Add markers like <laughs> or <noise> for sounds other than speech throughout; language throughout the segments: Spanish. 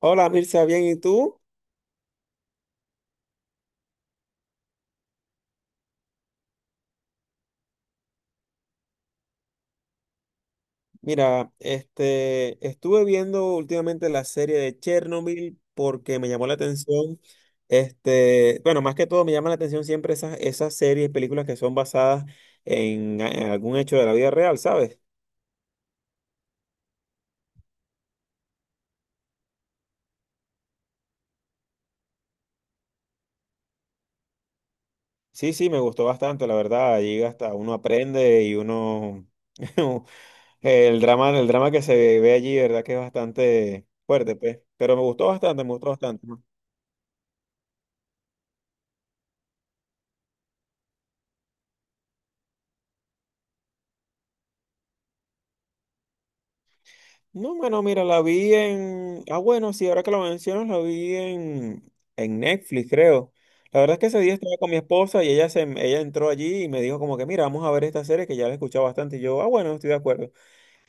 Hola Mirza, bien, ¿y tú? Mira, este, estuve viendo últimamente la serie de Chernobyl porque me llamó la atención, este, bueno, más que todo me llama la atención siempre esas series y películas que son basadas en algún hecho de la vida real, ¿sabes? Sí, sí, me gustó bastante, la verdad, allí hasta uno aprende y uno, <laughs> el drama que se ve allí, ¿verdad? Que es bastante fuerte, pues, pero me gustó bastante, me gustó bastante. ¿No? No, bueno, mira, la vi en... Ah, bueno, sí, ahora que lo mencionas, la vi en Netflix, creo. La verdad es que ese día estaba con mi esposa y ella entró allí y me dijo como que, mira, vamos a ver esta serie que ya la he escuchado bastante. Y yo, ah, bueno, estoy de acuerdo.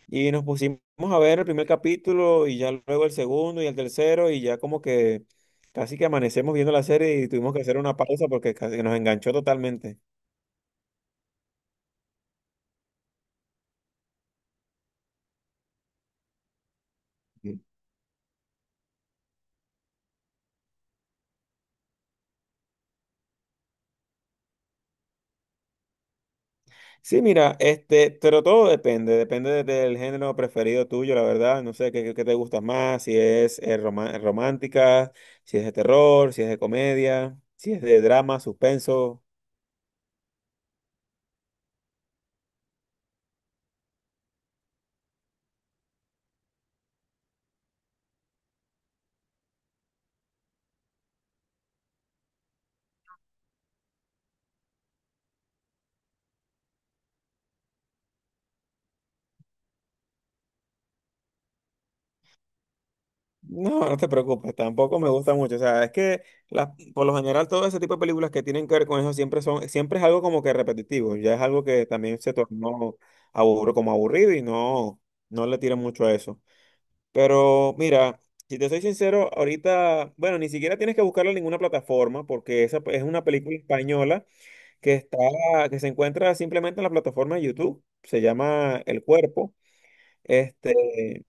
Y nos pusimos a ver el primer capítulo y ya luego el segundo y el tercero y ya como que casi que amanecemos viendo la serie y tuvimos que hacer una pausa porque casi que nos enganchó totalmente. Sí, mira, este, pero todo depende, depende del género preferido tuyo, la verdad. No sé qué, qué te gusta más, si es romántica, si es de terror, si es de comedia, si es de drama, suspenso. No, <laughs> no te preocupes, tampoco me gusta mucho. O sea, es que por lo general todo ese tipo de películas que tienen que ver con eso siempre son, siempre es algo como que repetitivo, ya es algo que también se tornó aburro, como aburrido y no, no le tiran mucho a eso. Pero mira, si te soy sincero, ahorita, bueno, ni siquiera tienes que buscarla en ninguna plataforma porque esa es una película española que está, que se encuentra simplemente en la plataforma de YouTube. Se llama El Cuerpo. Este,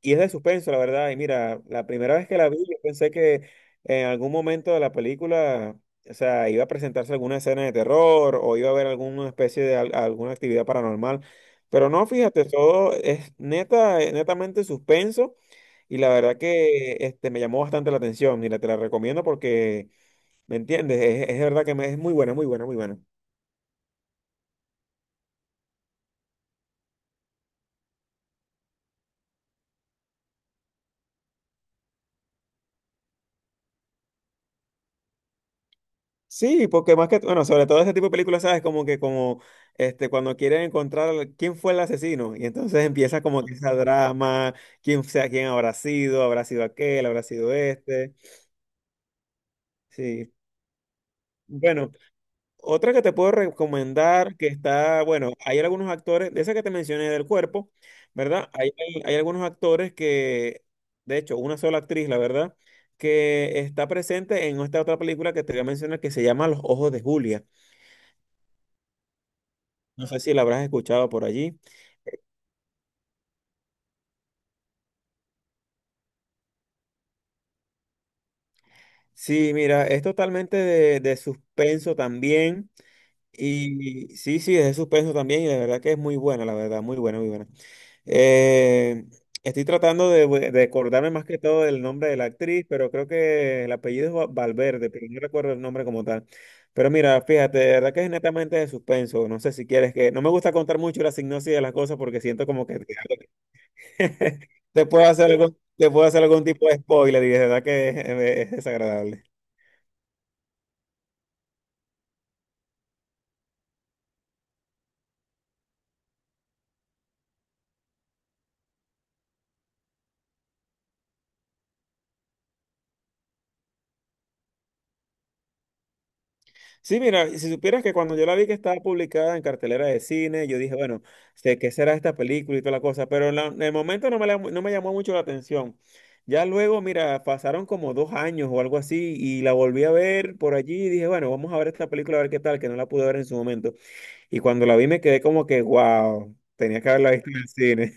y es de suspenso, la verdad. Y mira, la primera vez que la vi, yo pensé que en algún momento de la película, o sea, iba a presentarse alguna escena de terror o iba a haber alguna especie de alguna actividad paranormal. Pero no, fíjate, todo es netamente suspenso. Y la verdad que este, me llamó bastante la atención. Mira, te la recomiendo porque, ¿me entiendes? Es verdad que es muy buena, muy buena, muy buena. Sí, porque más que, bueno, sobre todo ese tipo de películas, ¿sabes? Como que como, este, cuando quieren encontrar quién fue el asesino. Y entonces empieza como que esa drama, quién sea, quién habrá sido aquel, habrá sido este. Sí. Bueno, otra que te puedo recomendar, que está, bueno, hay algunos actores, de esa que te mencioné del cuerpo, ¿verdad? Hay algunos actores que, de hecho, una sola actriz, la verdad, que está presente en esta otra película que te voy a mencionar que se llama Los Ojos de Julia. No sé si la habrás escuchado por allí. Sí, mira, es totalmente de suspenso también. Y sí, sí, es de suspenso también y de verdad que es muy buena, la verdad, muy buena, muy buena. Eh, Estoy tratando de acordarme más que todo del nombre de la actriz, pero creo que el apellido es Valverde, pero no recuerdo el nombre como tal. Pero mira, fíjate, de verdad que es netamente de suspenso. No sé si quieres que... No me gusta contar mucho la sinopsis de las cosas porque siento como que <laughs> te puedo hacer algún tipo de spoiler y de verdad que es desagradable. Sí, mira, y si supieras que cuando yo la vi que estaba publicada en cartelera de cine, yo dije, bueno, sé qué será esta película y toda la cosa, pero en el momento no me llamó mucho la atención. Ya luego, mira, pasaron como 2 años o algo así y la volví a ver por allí y dije, bueno, vamos a ver esta película a ver qué tal, que no la pude ver en su momento. Y cuando la vi me quedé como que, wow, tenía que haberla visto en el cine.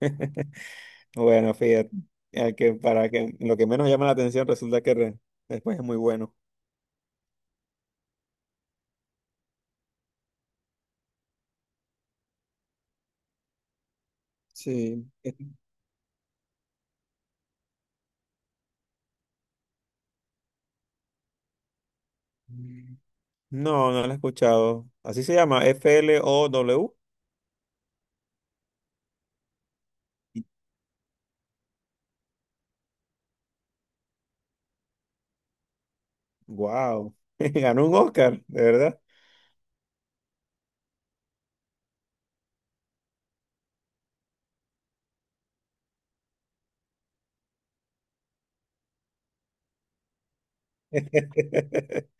<laughs> Bueno, fíjate, al que para que lo que menos llama la atención resulta que después es muy bueno. Sí. es- No, no la he escuchado. Así se llama, Flow. Wow, <laughs> ganó un Oscar, de verdad. <laughs>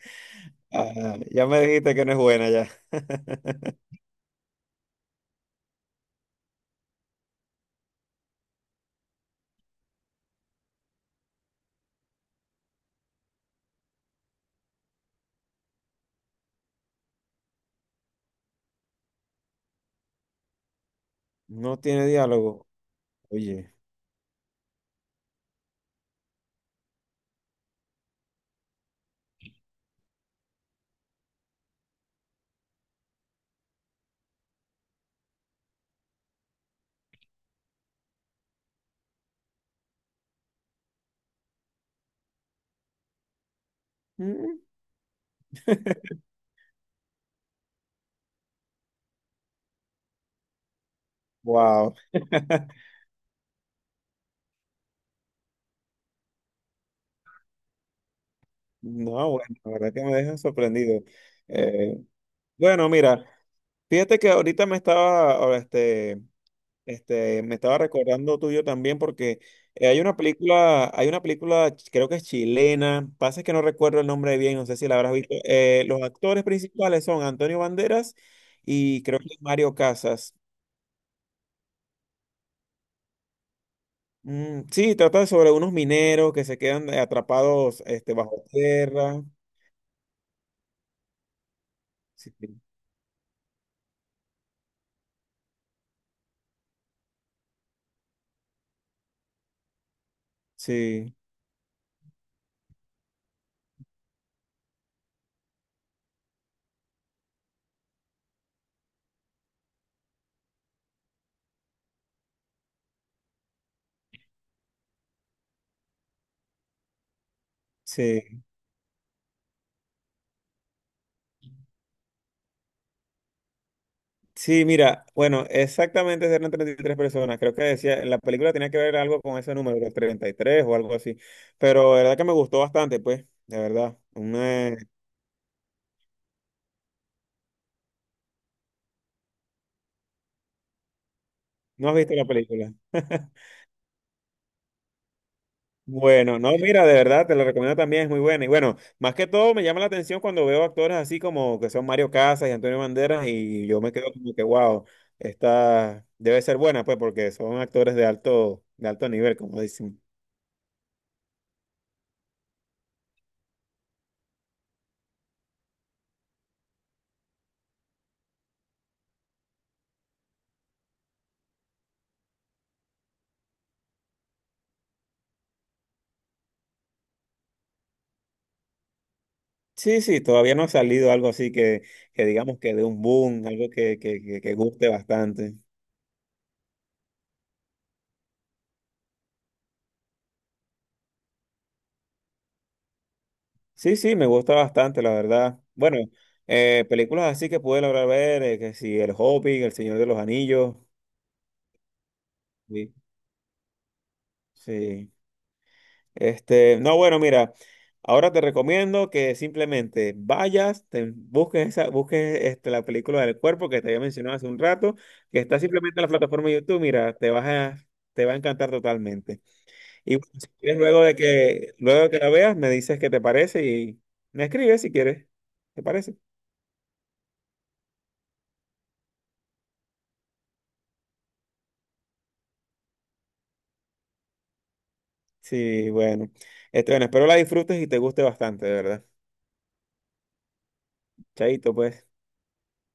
Ah, ya me dijiste que no es buena ya. <laughs> No tiene diálogo. Oye. Wow. <laughs> No, bueno, la verdad que me deja sorprendido. Eh, bueno, mira, fíjate que ahorita me estaba recordando tuyo también porque hay una película, creo que es chilena, pasa es que no recuerdo el nombre bien, no sé si la habrás visto. Los actores principales son Antonio Banderas y creo que Mario Casas. Mm, sí, trata sobre unos mineros que se quedan atrapados este, bajo tierra. Sí, sí, sí. Sí, mira, bueno, exactamente eran 33 personas. Creo que decía, la película tenía que ver algo con ese número, los 33 o algo así. Pero de verdad que me gustó bastante, pues, de verdad. ¿No has visto la película? <laughs> Bueno, no, mira, de verdad, te lo recomiendo también, es muy buena. Y bueno, más que todo me llama la atención cuando veo actores así como que son Mario Casas y Antonio Banderas y yo me quedo como que, wow, esta debe ser buena, pues, porque son actores de alto nivel, como dicen. Sí, sí, todavía no ha salido algo así que digamos que de un boom, algo que guste bastante. Sí, sí, me gusta bastante, la verdad. Bueno, películas así que pude lograr ver, que si El Hobbit, El Señor de los Anillos. Sí, sí. Este, no, bueno, mira, ahora te recomiendo que simplemente vayas, te busques esa, busques este, la película del cuerpo que te había mencionado hace un rato, que está simplemente en la plataforma de YouTube, mira, te va a encantar totalmente. Y bueno, si quieres, luego de que la veas, me dices qué te parece y me escribes si quieres. ¿Te parece? Sí, bueno. Este, bueno, espero la disfrutes y te guste bastante, de verdad. Chaito, pues.